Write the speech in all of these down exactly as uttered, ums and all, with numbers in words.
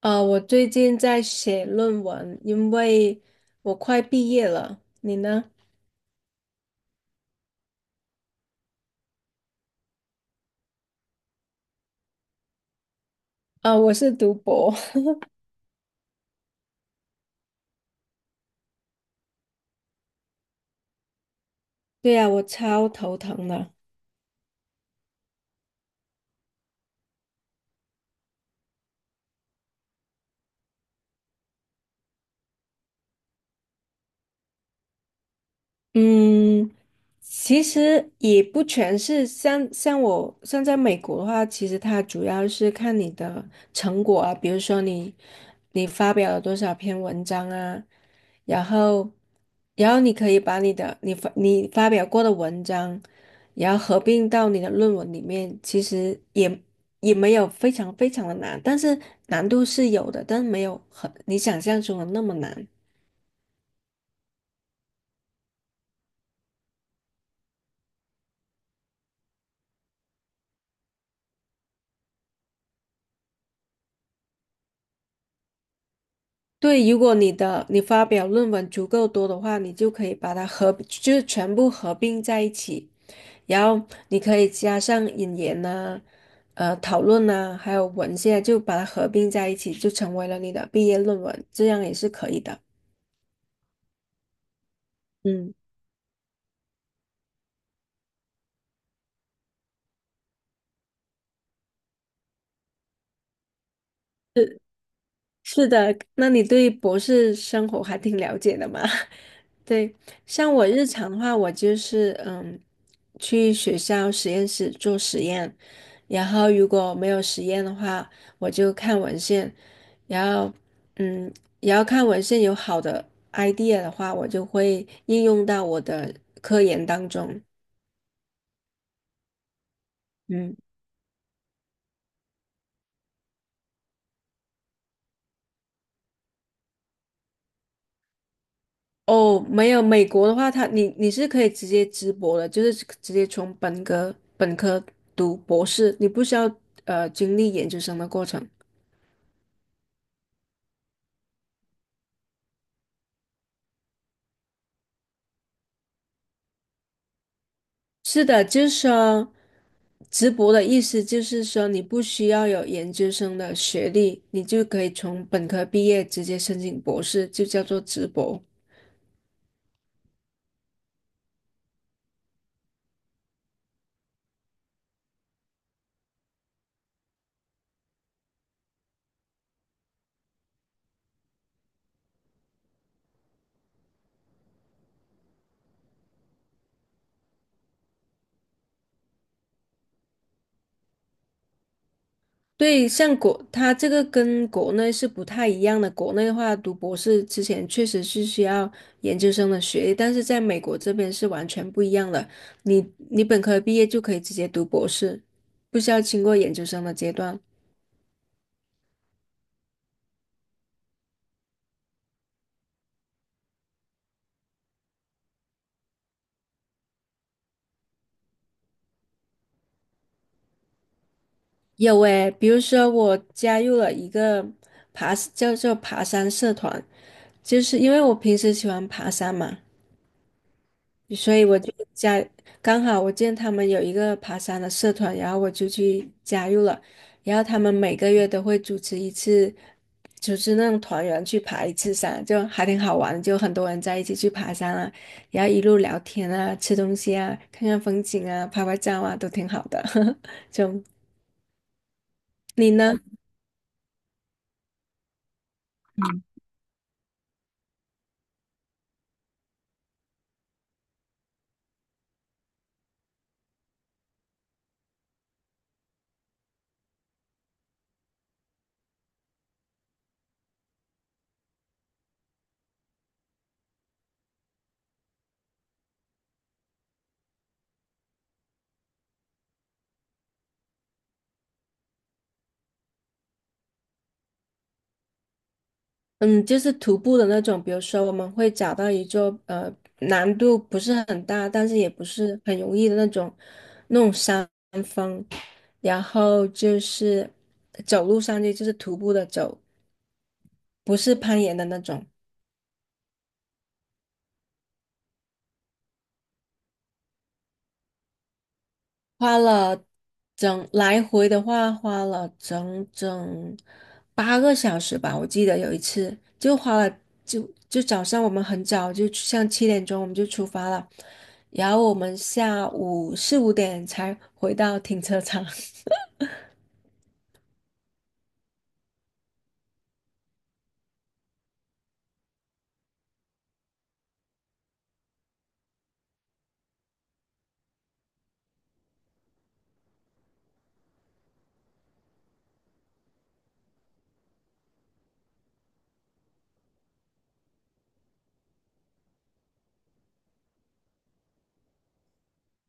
呃，我最近在写论文，因为我快毕业了。你呢？啊、我是读博。对呀、我超头疼的。嗯，其实也不全是像像我像在美国的话，其实它主要是看你的成果啊，比如说你你发表了多少篇文章啊，然后然后你可以把你的你发你发表过的文章，然后合并到你的论文里面，其实也也没有非常非常的难，但是难度是有的，但是没有很你想象中的那么难。对，如果你的你发表论文足够多的话，你就可以把它合，就是全部合并在一起，然后你可以加上引言呐、呃，讨论呐、还有文献，就把它合并在一起，就成为了你的毕业论文，这样也是可以的。嗯。是的，那你对博士生活还挺了解的嘛？对，像我日常的话，我就是嗯，去学校实验室做实验，然后如果没有实验的话，我就看文献，然后嗯，然后看文献有好的 idea 的话，我就会应用到我的科研当中。嗯。哦，没有，美国的话，他你你是可以直接直博的，就是直接从本科本科读博士，你不需要呃经历研究生的过程。是的，就是说，直博的意思就是说，你不需要有研究生的学历，你就可以从本科毕业直接申请博士，就叫做直博。对，像国，它这个跟国内是不太一样的。国内的话，读博士之前确实是需要研究生的学历，但是在美国这边是完全不一样的。你你本科毕业就可以直接读博士，不需要经过研究生的阶段。有诶，比如说我加入了一个爬，叫做爬山社团，就是因为我平时喜欢爬山嘛，所以我就加，刚好我见他们有一个爬山的社团，然后我就去加入了。然后他们每个月都会组织一次，组织那种团员去爬一次山，就还挺好玩的就很多人在一起去爬山啊，然后一路聊天啊，吃东西啊，看看风景啊，拍拍照啊，都挺好的。就你呢？嗯，就是徒步的那种，比如说我们会找到一座呃难度不是很大，但是也不是很容易的那种那种山。峰。然后就是走路上去，就是徒步的走，不是攀岩的那种。花了整来回的话，花了整整八个小时吧。我记得有一次就花了，就就早上我们很早就出像七点钟我们就出发了，然后我们下午四五点才回到停车场。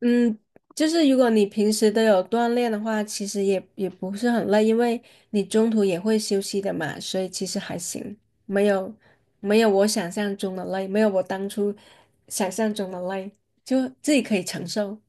嗯，就是如果你平时都有锻炼的话，其实也也不是很累，因为你中途也会休息的嘛，所以其实还行，没有没有我想象中的累，没有我当初想象中的累，就自己可以承受。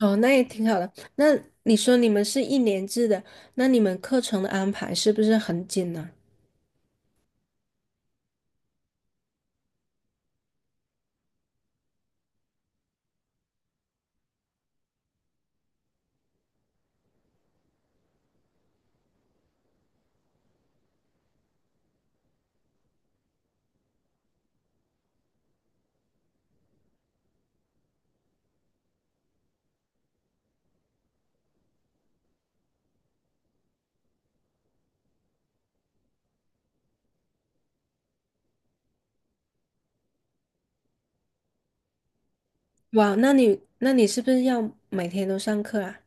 哦，那也挺好的。那你说你们是一年制的，那你们课程的安排是不是很紧呢？哇，那你那你是不是要每天都上课啊？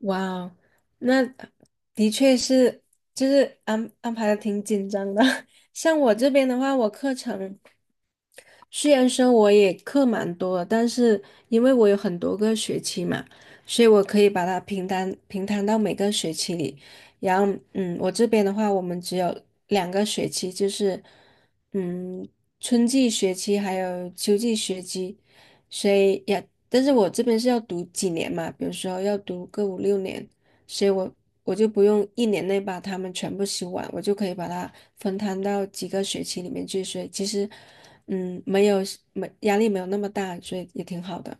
哇哦，那的确是，就是安安排的挺紧张的。像我这边的话，我课程虽然说我也课蛮多的但是因为我有很多个学期嘛，所以我可以把它平摊平摊到每个学期里。然后，嗯，我这边的话，我们只有两个学期，就是嗯，春季学期还有秋季学期，所以也，但是我这边是要读几年嘛，比如说要读个五六年。所以我我就不用一年内把它们全部修完，我就可以把它分摊到几个学期里面去。所以其实，嗯，没有没压力没有那么大，所以也挺好的。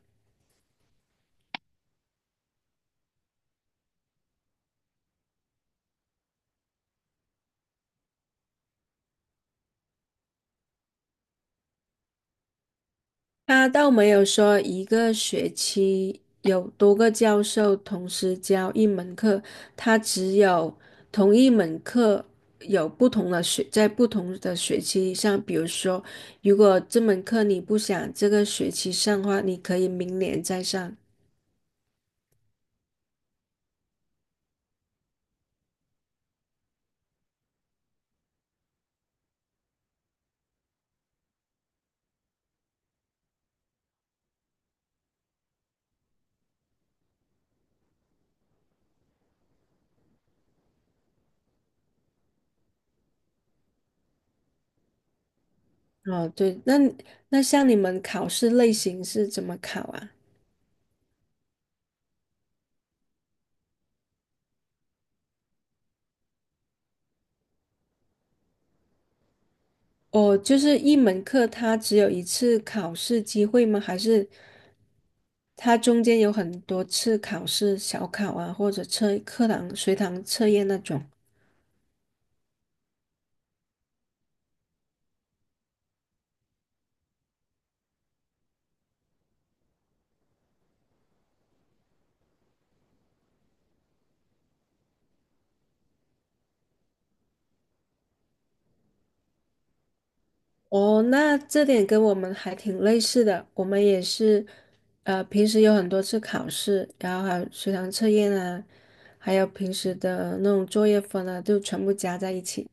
他倒没有说一个学期有多个教授同时教一门课，他只有同一门课有不同的学，在不同的学期上，比如说，如果这门课你不想这个学期上的话，你可以明年再上。哦，对，那那像你们考试类型是怎么考啊？哦，就是一门课它只有一次考试机会吗？还是它中间有很多次考试、小考啊，或者测课堂、随堂测验那种？哦，那这点跟我们还挺类似的，我们也是，呃，平时有很多次考试，然后还有随堂测验啊，还有平时的那种作业分啊，就全部加在一起。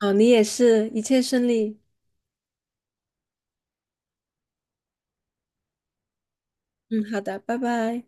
哦，你也是，一切顺利。嗯，好的，拜拜。